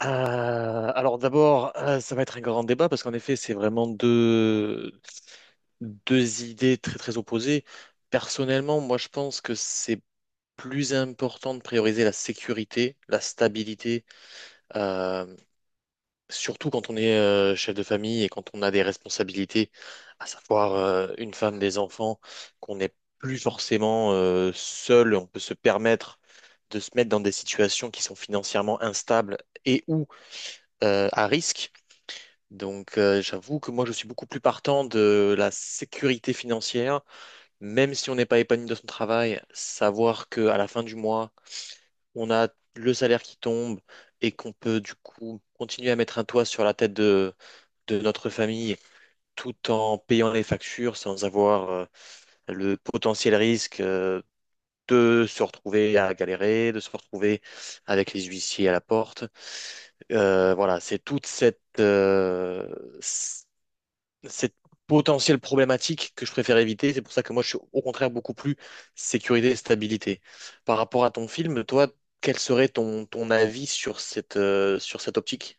Alors d'abord, ça va être un grand débat parce qu'en effet, c'est vraiment deux idées très très opposées. Personnellement, moi je pense que c'est plus important de prioriser la sécurité, la stabilité, euh, surtout quand on est chef de famille et quand on a des responsabilités, à savoir une femme, des enfants, qu'on n'est plus forcément seul, on peut se permettre de se mettre dans des situations qui sont financièrement instables et ou à risque. Donc, j'avoue que moi, je suis beaucoup plus partant de la sécurité financière, même si on n'est pas épanoui dans son travail, savoir qu'à la fin du mois, on a le salaire qui tombe et qu'on peut du coup continuer à mettre un toit sur la tête de notre famille tout en payant les factures sans avoir le potentiel risque de se retrouver à galérer, de se retrouver avec les huissiers à la porte. Voilà, c'est toute cette potentielle problématique que je préfère éviter. C'est pour ça que moi, je suis au contraire beaucoup plus sécurité et stabilité. Par rapport à ton film, toi, quel serait ton avis sur cette optique?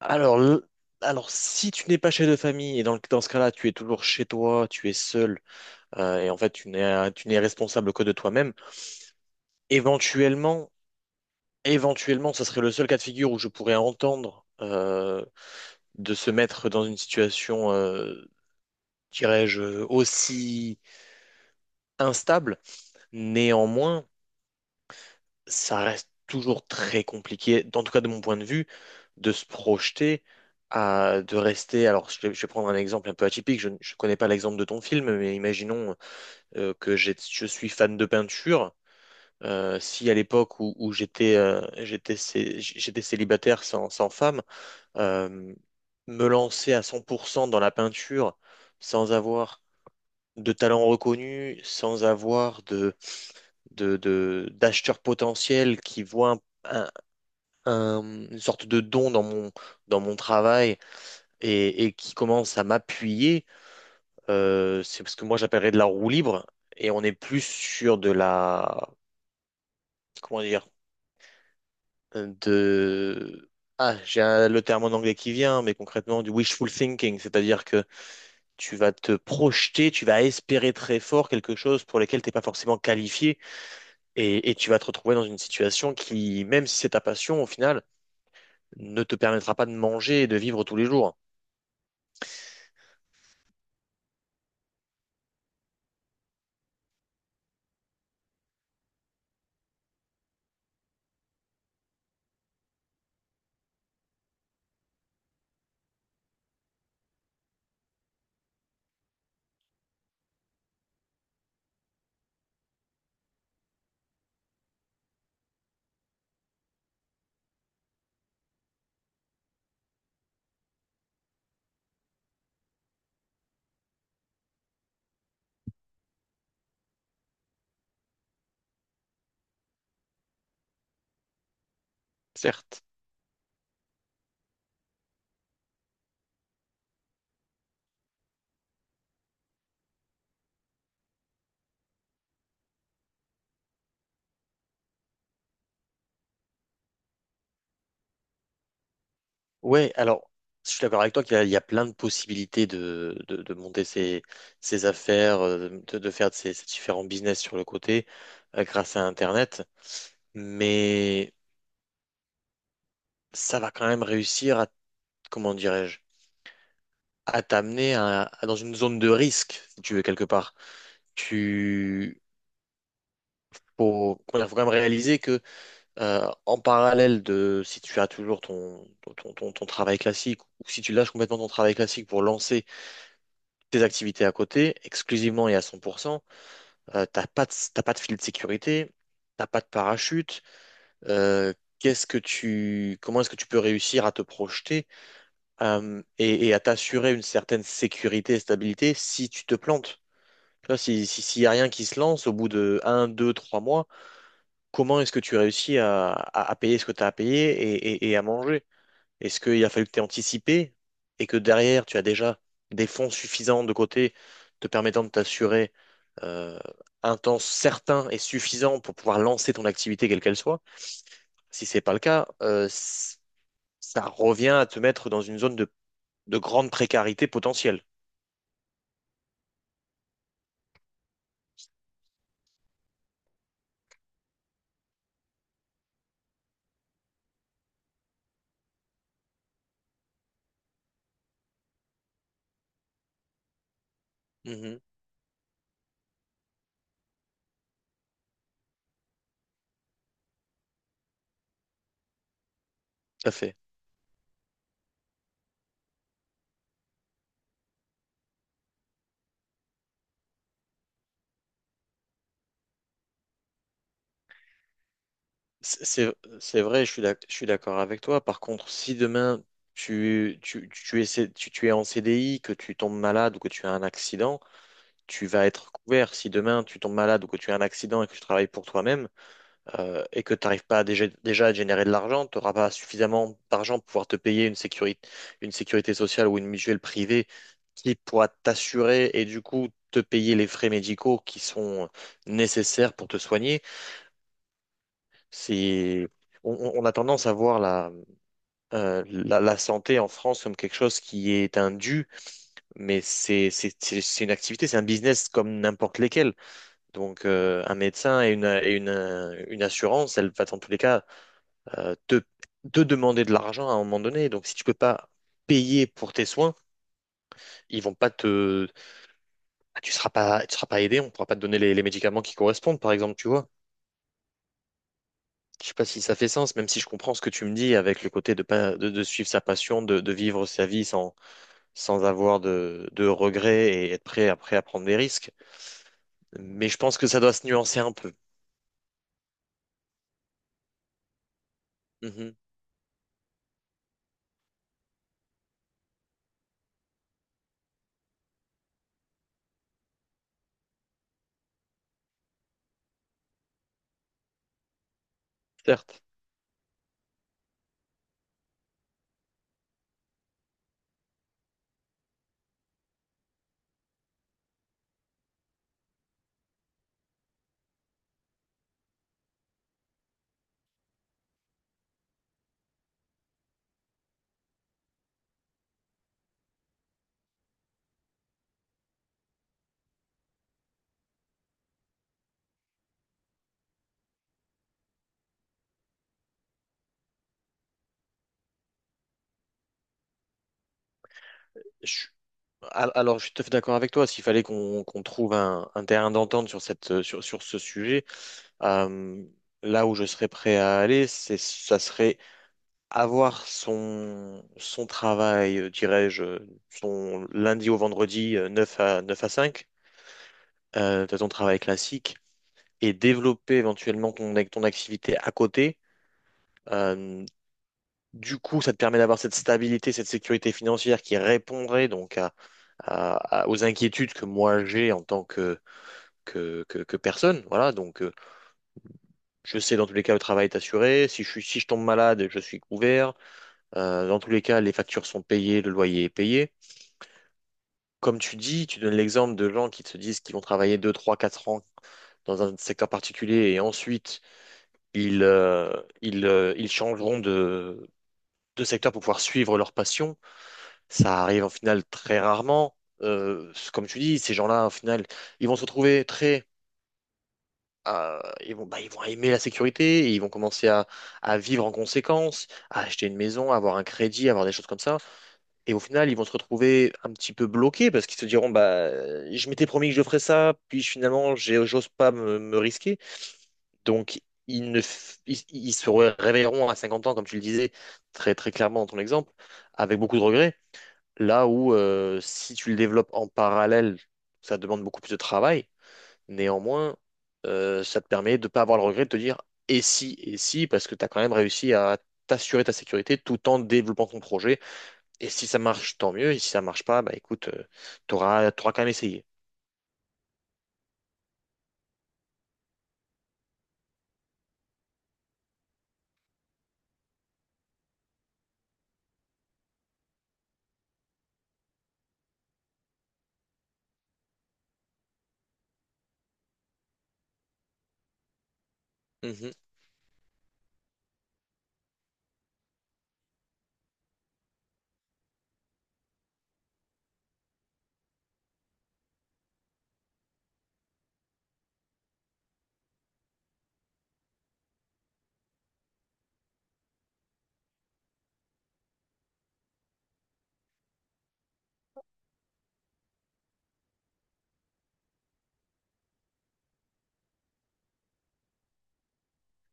Alors, le- alors, si tu n'es pas chez de famille, et dans ce cas-là, tu es toujours chez toi, tu es seul, et en fait, tu n'es responsable que de toi-même, éventuellement, éventuellement, ce serait le seul cas de figure où je pourrais entendre de se mettre dans une situation, dirais-je, aussi instable. Néanmoins, ça reste toujours très compliqué, en tout cas de mon point de vue, de se projeter à de rester. Alors, je vais prendre un exemple un peu atypique. Je connais pas l'exemple de ton film, mais imaginons que je suis fan de peinture. Si à l'époque où j'étais célibataire sans femme, euh, me lancer à 100% dans la peinture sans avoir de talent reconnu, sans avoir d'acheteurs potentiels qui voient un- un- une sorte de don dans dans mon travail et qui commencent à m'appuyer, c'est ce que moi j'appellerais de la roue libre. Et on est plus sur de la... Comment dire? De... Ah, le terme en anglais qui vient, mais concrètement du wishful thinking, c'est-à-dire que tu vas te projeter, tu vas espérer très fort quelque chose pour lequel tu n'es pas forcément qualifié et tu vas te retrouver dans une situation qui, même si c'est ta passion, au final, ne te permettra pas de manger et de vivre tous les jours, certes. Ouais, alors, je suis d'accord avec toi qu'il y a plein de possibilités de monter ses affaires, de faire de ses différents business sur le côté, grâce à Internet, mais ça va quand même réussir à, comment dirais-je, à t'amener dans une zone de risque, si tu veux, quelque part. Tu, Faut quand même réaliser en parallèle de si tu as toujours ton travail classique ou si tu lâches complètement ton travail classique pour lancer tes activités à côté, exclusivement et à 100%, t'as pas de filet de sécurité, t'as pas de parachute. euh, Comment est-ce que tu peux réussir à te projeter et à t'assurer une certaine sécurité et stabilité si tu te plantes? Tu vois, si, si, s'il n'y a rien qui se lance au bout de un, 2, 3 mois, comment est-ce que tu réussis à payer ce que tu as à payer et à manger? Est-ce qu'il a fallu que tu aies anticipé et que derrière, tu as déjà des fonds suffisants de côté te permettant de t'assurer euh, un temps certain et suffisant pour pouvoir lancer ton activité, quelle qu'elle soit? Si c'est pas le cas, ça revient à te mettre dans une zone de grande précarité potentielle. Mhm, tout à fait. C'est vrai, je suis d'accord avec toi. Par contre, si demain tu es en CDI, que tu tombes malade ou que tu as un accident, tu vas être couvert. Si demain tu tombes malade ou que tu as un accident et que tu travailles pour toi-même et que tu n'arrives pas à déjà à générer de l'argent, tu n'auras pas suffisamment d'argent pour pouvoir te payer une sécurité sociale ou une mutuelle privée qui pourra t'assurer et du coup te payer les frais médicaux qui sont nécessaires pour te soigner. C'est, on a tendance à voir la santé en France comme quelque chose qui est un dû, mais c'est une activité, c'est un business comme n'importe lesquels. Donc, un médecin et une assurance, elle va dans tous les cas euh, te, te demander de l'argent à un moment donné. Donc, si tu peux pas payer pour tes soins, ils vont pas te, tu seras pas aidé, on pourra pas te donner les médicaments qui correspondent, par exemple, tu vois. Je sais pas si ça fait sens, même si je comprends ce que tu me dis avec le côté de pas de suivre sa passion, de vivre sa vie sans avoir de regrets et être prêt après à prendre des risques. Mais je pense que ça doit se nuancer un peu. Mhm, certes. Je- alors, je suis tout à fait d'accord avec toi. S'il fallait qu'on trouve un terrain d'entente sur sur ce sujet, euh, là où je serais prêt à aller, c'est ça serait avoir son travail, dirais-je, son lundi au vendredi, euh, 9 à 9 à 5. De ton travail classique et développer éventuellement ton activité à côté. Euh, du coup, ça te permet d'avoir cette stabilité, cette sécurité financière qui répondrait donc aux inquiétudes que moi j'ai en tant que personne. Voilà, donc je sais dans tous les cas le travail est assuré. Si je tombe malade, je suis couvert. Dans tous les cas, les factures sont payées, le loyer est payé. Comme tu dis, tu donnes l'exemple de gens qui se disent qu'ils vont travailler 2 3 4 ans dans un secteur particulier et ensuite ils, euh, ils changeront de secteur pour pouvoir suivre leur passion. Ça arrive en final très rarement. Comme tu dis, ces gens-là, au final, ils vont se retrouver très... euh, bah, ils vont aimer la sécurité, et ils vont commencer à vivre en conséquence, à acheter une maison, à avoir un crédit, à avoir des choses comme ça. Et au final, ils vont se retrouver un petit peu bloqués parce qu'ils se diront, bah, je m'étais promis que je ferais ça, puis finalement, j'ose pas me risquer. Donc, ils, ne f- ils- ils se réveilleront à 50 ans, comme tu le disais très, très clairement dans ton exemple, avec beaucoup de regrets. Là où, si tu le développes en parallèle, ça demande beaucoup plus de travail. Néanmoins, ça te permet de ne pas avoir le regret de te dire et si, parce que tu as quand même réussi à t'assurer ta sécurité tout en développant ton projet. Et si ça marche, tant mieux. Et si ça marche pas, bah écoute, quand même essayé.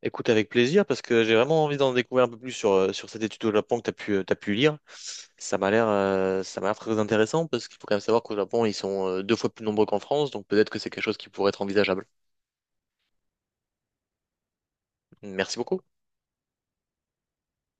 Écoute, avec plaisir, parce que j'ai vraiment envie d'en découvrir un peu plus sur cette étude au Japon que t'as pu lire. Ça m'a l'air très intéressant, parce qu'il faut quand même savoir qu'au Japon, ils sont deux fois plus nombreux qu'en France, donc peut-être que c'est quelque chose qui pourrait être envisageable. Merci beaucoup.